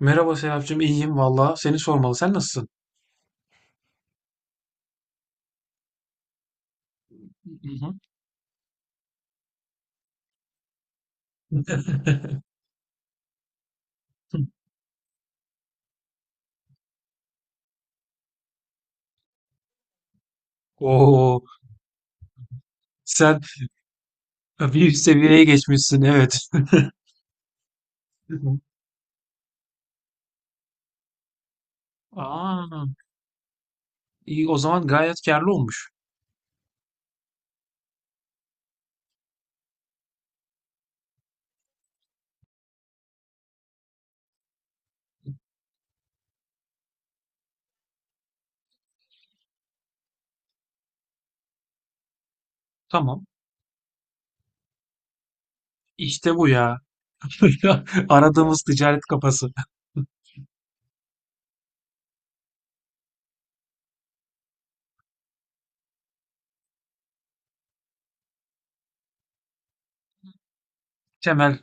Merhaba Serapcığım, iyiyim valla. Seni sormalı. Sen nasılsın? Hı hı. Oo, sen bir üst seviyeye geçmişsin, evet. Hı. Aa, iyi, o zaman gayet karlı olmuş. Tamam. İşte bu ya. Aradığımız ticaret kafası. Temel.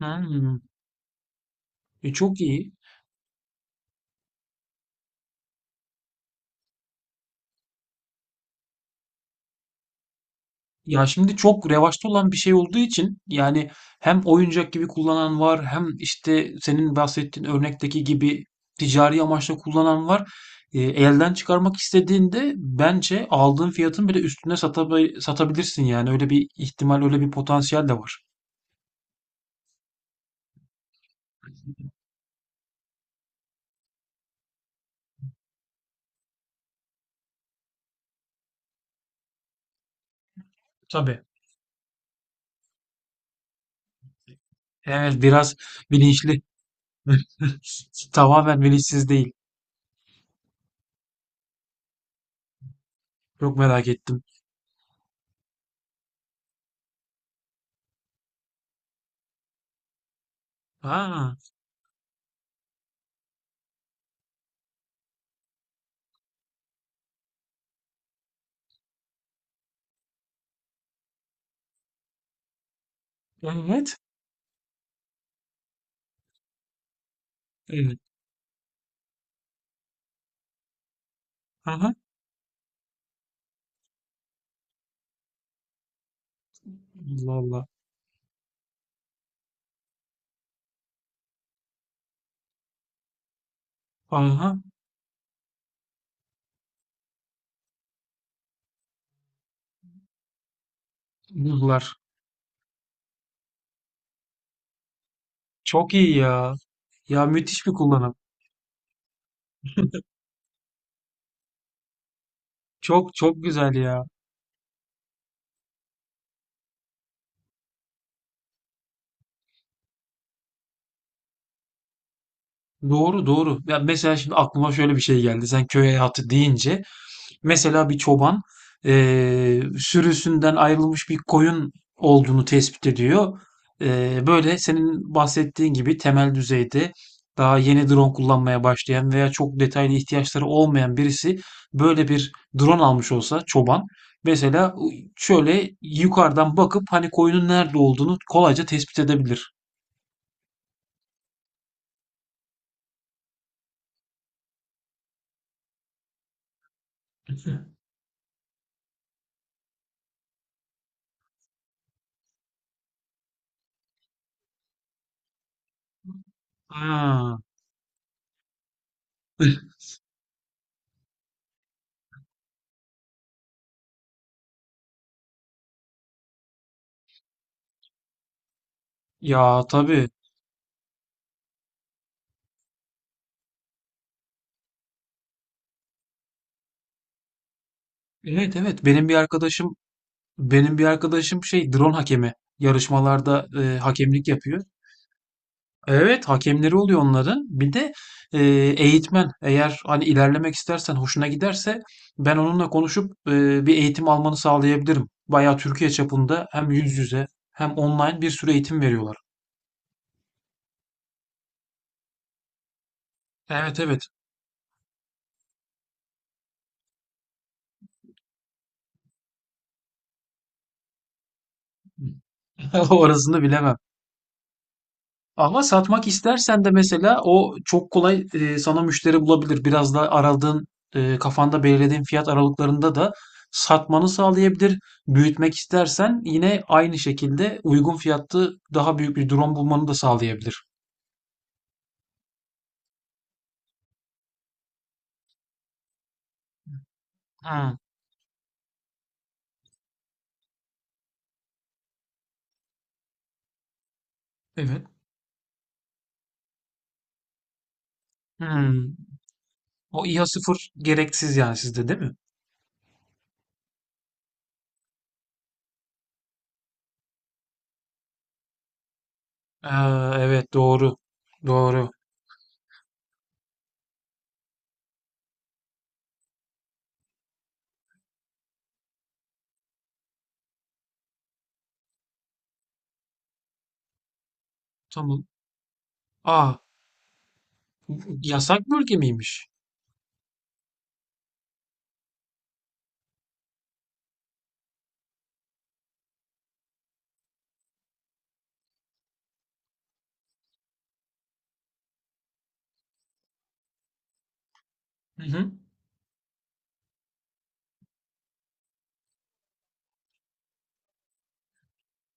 Hmm, çok iyi. Ya şimdi çok revaçta olan bir şey olduğu için yani, hem oyuncak gibi kullanan var hem işte senin bahsettiğin örnekteki gibi ticari amaçla kullanan var. Elden çıkarmak istediğinde bence aldığın fiyatın bile üstüne satabilirsin yani, öyle bir ihtimal, öyle bir potansiyel de var. Tabii. Evet, biraz bilinçli. Tamamen bilinçsiz değil. Çok merak ettim. Ha, evet. Evet. Aha. Allah Allah. Aha. Buldular. Çok iyi ya. Ya müthiş bir kullanım. Çok çok güzel ya. Doğru doğru. Ya mesela şimdi aklıma şöyle bir şey geldi. Sen köy hayatı deyince mesela bir çoban sürüsünden ayrılmış bir koyun olduğunu tespit ediyor. Böyle senin bahsettiğin gibi temel düzeyde daha yeni drone kullanmaya başlayan veya çok detaylı ihtiyaçları olmayan birisi böyle bir drone almış olsa, çoban mesela şöyle yukarıdan bakıp hani koyunun nerede olduğunu kolayca tespit edebilir. Ha. Ya tabii. Evet evet, benim bir arkadaşım şey drone hakemi, yarışmalarda hakemlik yapıyor. Evet, hakemleri oluyor onların. Bir de e, eğitmen, eğer hani ilerlemek istersen hoşuna giderse ben onunla konuşup bir eğitim almanı sağlayabilirim. Bayağı Türkiye çapında hem yüz yüze hem online bir sürü eğitim veriyorlar. Evet evet. Orasını bilemem. Ama satmak istersen de mesela o çok kolay, sana müşteri bulabilir. Biraz da kafanda belirlediğin fiyat aralıklarında da satmanı sağlayabilir. Büyütmek istersen yine aynı şekilde uygun fiyatlı daha büyük bir drone bulmanı da sağlayabilir. Hmm, evet. Hmm. O İHA sıfır gereksiz yani, sizde değil mi? Aa, evet doğru. Doğru. Tamam. Aa, yasak bölge miymiş? Hı hı.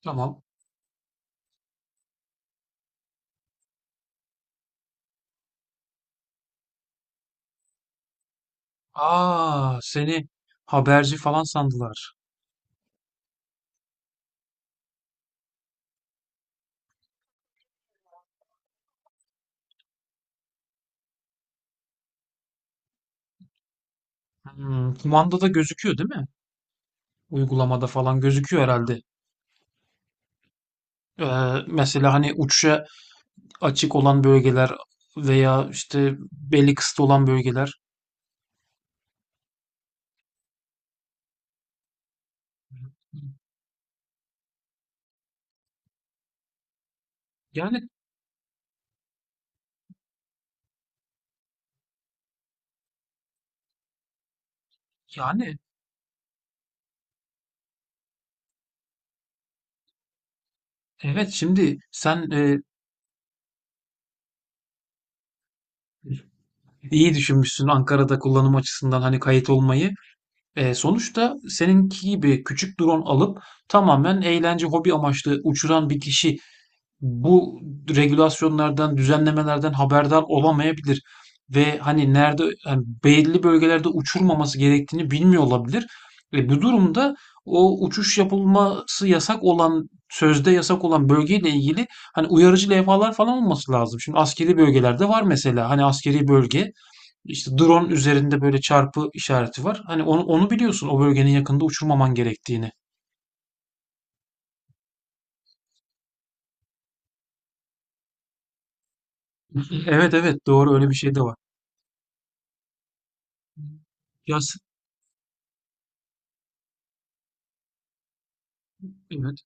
Tamam. Aa, seni haberci falan sandılar. Hmm, kumandada gözüküyor değil mi? Uygulamada falan gözüküyor herhalde. Ee, Mesela hani uçuşa açık olan bölgeler, veya işte belli kısıtlı olan bölgeler. Yani yani evet, şimdi sen, iyi düşünmüşsün Ankara'da kullanım açısından hani kayıt olmayı. Sonuçta seninki gibi küçük drone alıp tamamen eğlence, hobi amaçlı uçuran bir kişi bu regülasyonlardan, düzenlemelerden haberdar olamayabilir ve hani nerede yani belli bölgelerde uçurmaması gerektiğini bilmiyor olabilir. Bu durumda o uçuş yapılması yasak olan, sözde yasak olan bölgeyle ilgili hani uyarıcı levhalar falan olması lazım. Şimdi askeri bölgelerde var mesela, hani askeri bölge işte drone üzerinde böyle çarpı işareti var. Hani onu biliyorsun, o bölgenin yakında uçurmaman gerektiğini. Evet evet, doğru, öyle bir şey de var. Yaz, evet.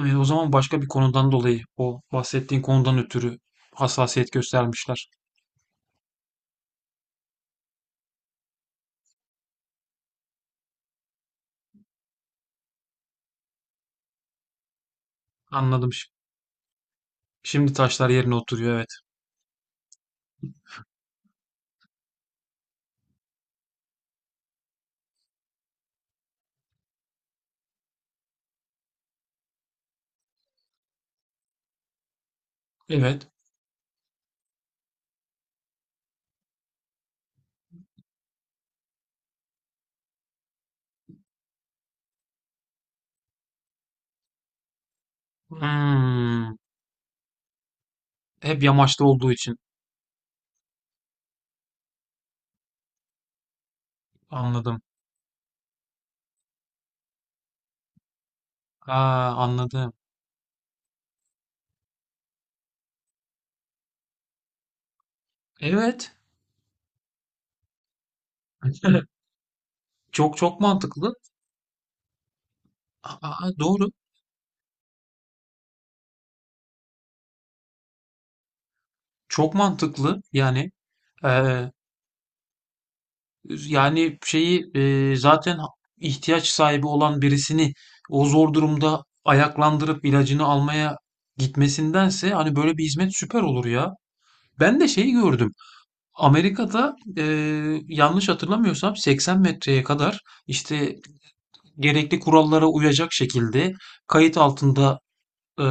Evet, o zaman başka bir konudan dolayı, o bahsettiğin konudan ötürü hassasiyet göstermişler. Anladım. Şimdi taşlar yerine oturuyor, evet. Evet. Hmm, hep yamaçta olduğu için anladım. Aa, anladım. Evet. Çok çok mantıklı. Aa, doğru. Çok mantıklı. Eee, Yani şeyi, zaten ihtiyaç sahibi olan birisini o zor durumda ayaklandırıp ilacını almaya gitmesindense hani böyle bir hizmet süper olur ya. Ben de şeyi gördüm. Amerika'da, yanlış hatırlamıyorsam 80 metreye kadar işte gerekli kurallara uyacak şekilde kayıt altında, e,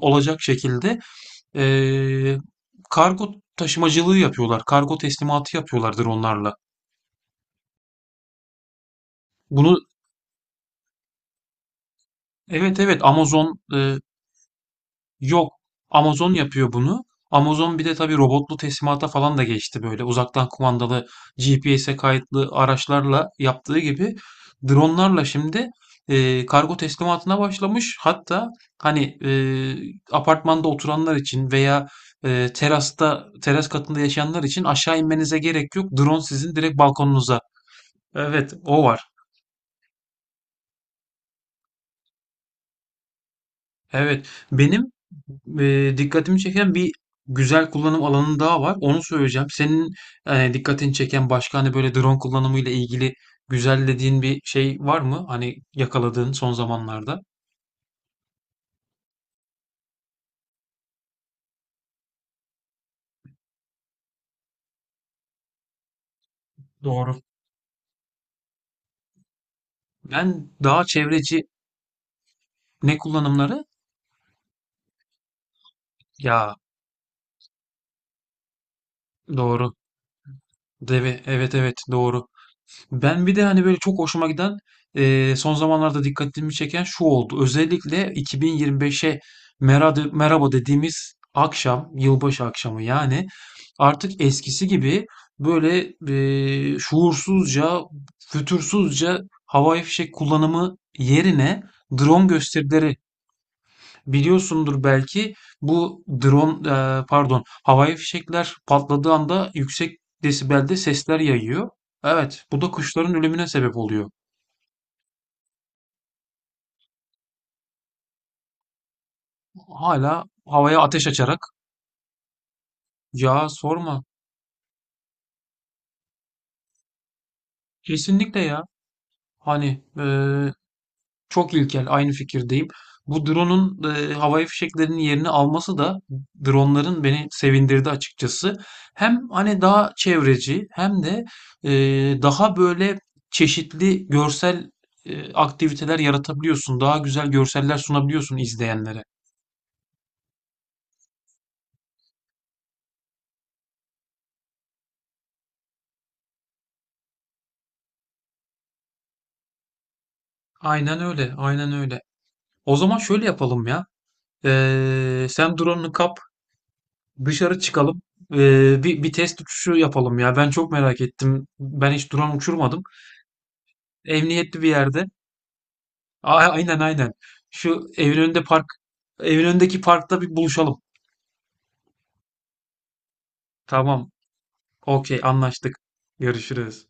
olacak şekilde, e, kargo taşımacılığı yapıyorlar. Kargo teslimatı yapıyorlardır onlarla. Bunu Evet evet, Amazon, yok. Amazon yapıyor bunu. Amazon bir de tabii robotlu teslimata falan da geçti böyle. Uzaktan kumandalı GPS'e kayıtlı araçlarla yaptığı gibi dronlarla şimdi kargo teslimatına başlamış. Hatta hani, apartmanda oturanlar için veya, teras katında yaşayanlar için aşağı inmenize gerek yok. Drone sizin direkt balkonunuza. Evet, o var. Evet, benim dikkatimi çeken bir güzel kullanım alanı daha var. Onu söyleyeceğim. Senin dikkatini çeken başka hani böyle drone kullanımı ile ilgili güzel dediğin bir şey var mı? Hani yakaladığın son zamanlarda. Doğru. Ben daha çevreci ne kullanımları? Ya doğru. Evet evet doğru. Ben bir de hani böyle çok hoşuma giden, son zamanlarda dikkatimi çeken şu oldu. Özellikle 2025'e merhaba, merhaba dediğimiz akşam, yılbaşı akşamı yani artık eskisi gibi böyle şuursuzca, fütursuzca havai fişek kullanımı yerine drone gösterileri. Biliyorsundur belki, bu drone, pardon, havai fişekler patladığı anda yüksek desibelde sesler yayıyor. Evet, bu da kuşların ölümüne sebep oluyor. Hala havaya ateş açarak, ya sorma. Kesinlikle ya. Hani, çok ilkel, aynı fikirdeyim. Bu drone'un, havai fişeklerinin yerini alması da, drone'ların beni sevindirdi açıkçası. Hem hani daha çevreci hem de, e, daha böyle çeşitli görsel, aktiviteler yaratabiliyorsun. Daha güzel görseller sunabiliyorsun izleyenlere. Aynen öyle, aynen öyle. O zaman şöyle yapalım ya. Sen drone'unu kap, dışarı çıkalım. E, bir test uçuşu yapalım ya. Ben çok merak ettim. Ben hiç drone uçurmadım. Emniyetli bir yerde. Aynen aynen. Şu evin önünde park, evin önündeki parkta bir buluşalım. Tamam. Okey, anlaştık. Görüşürüz.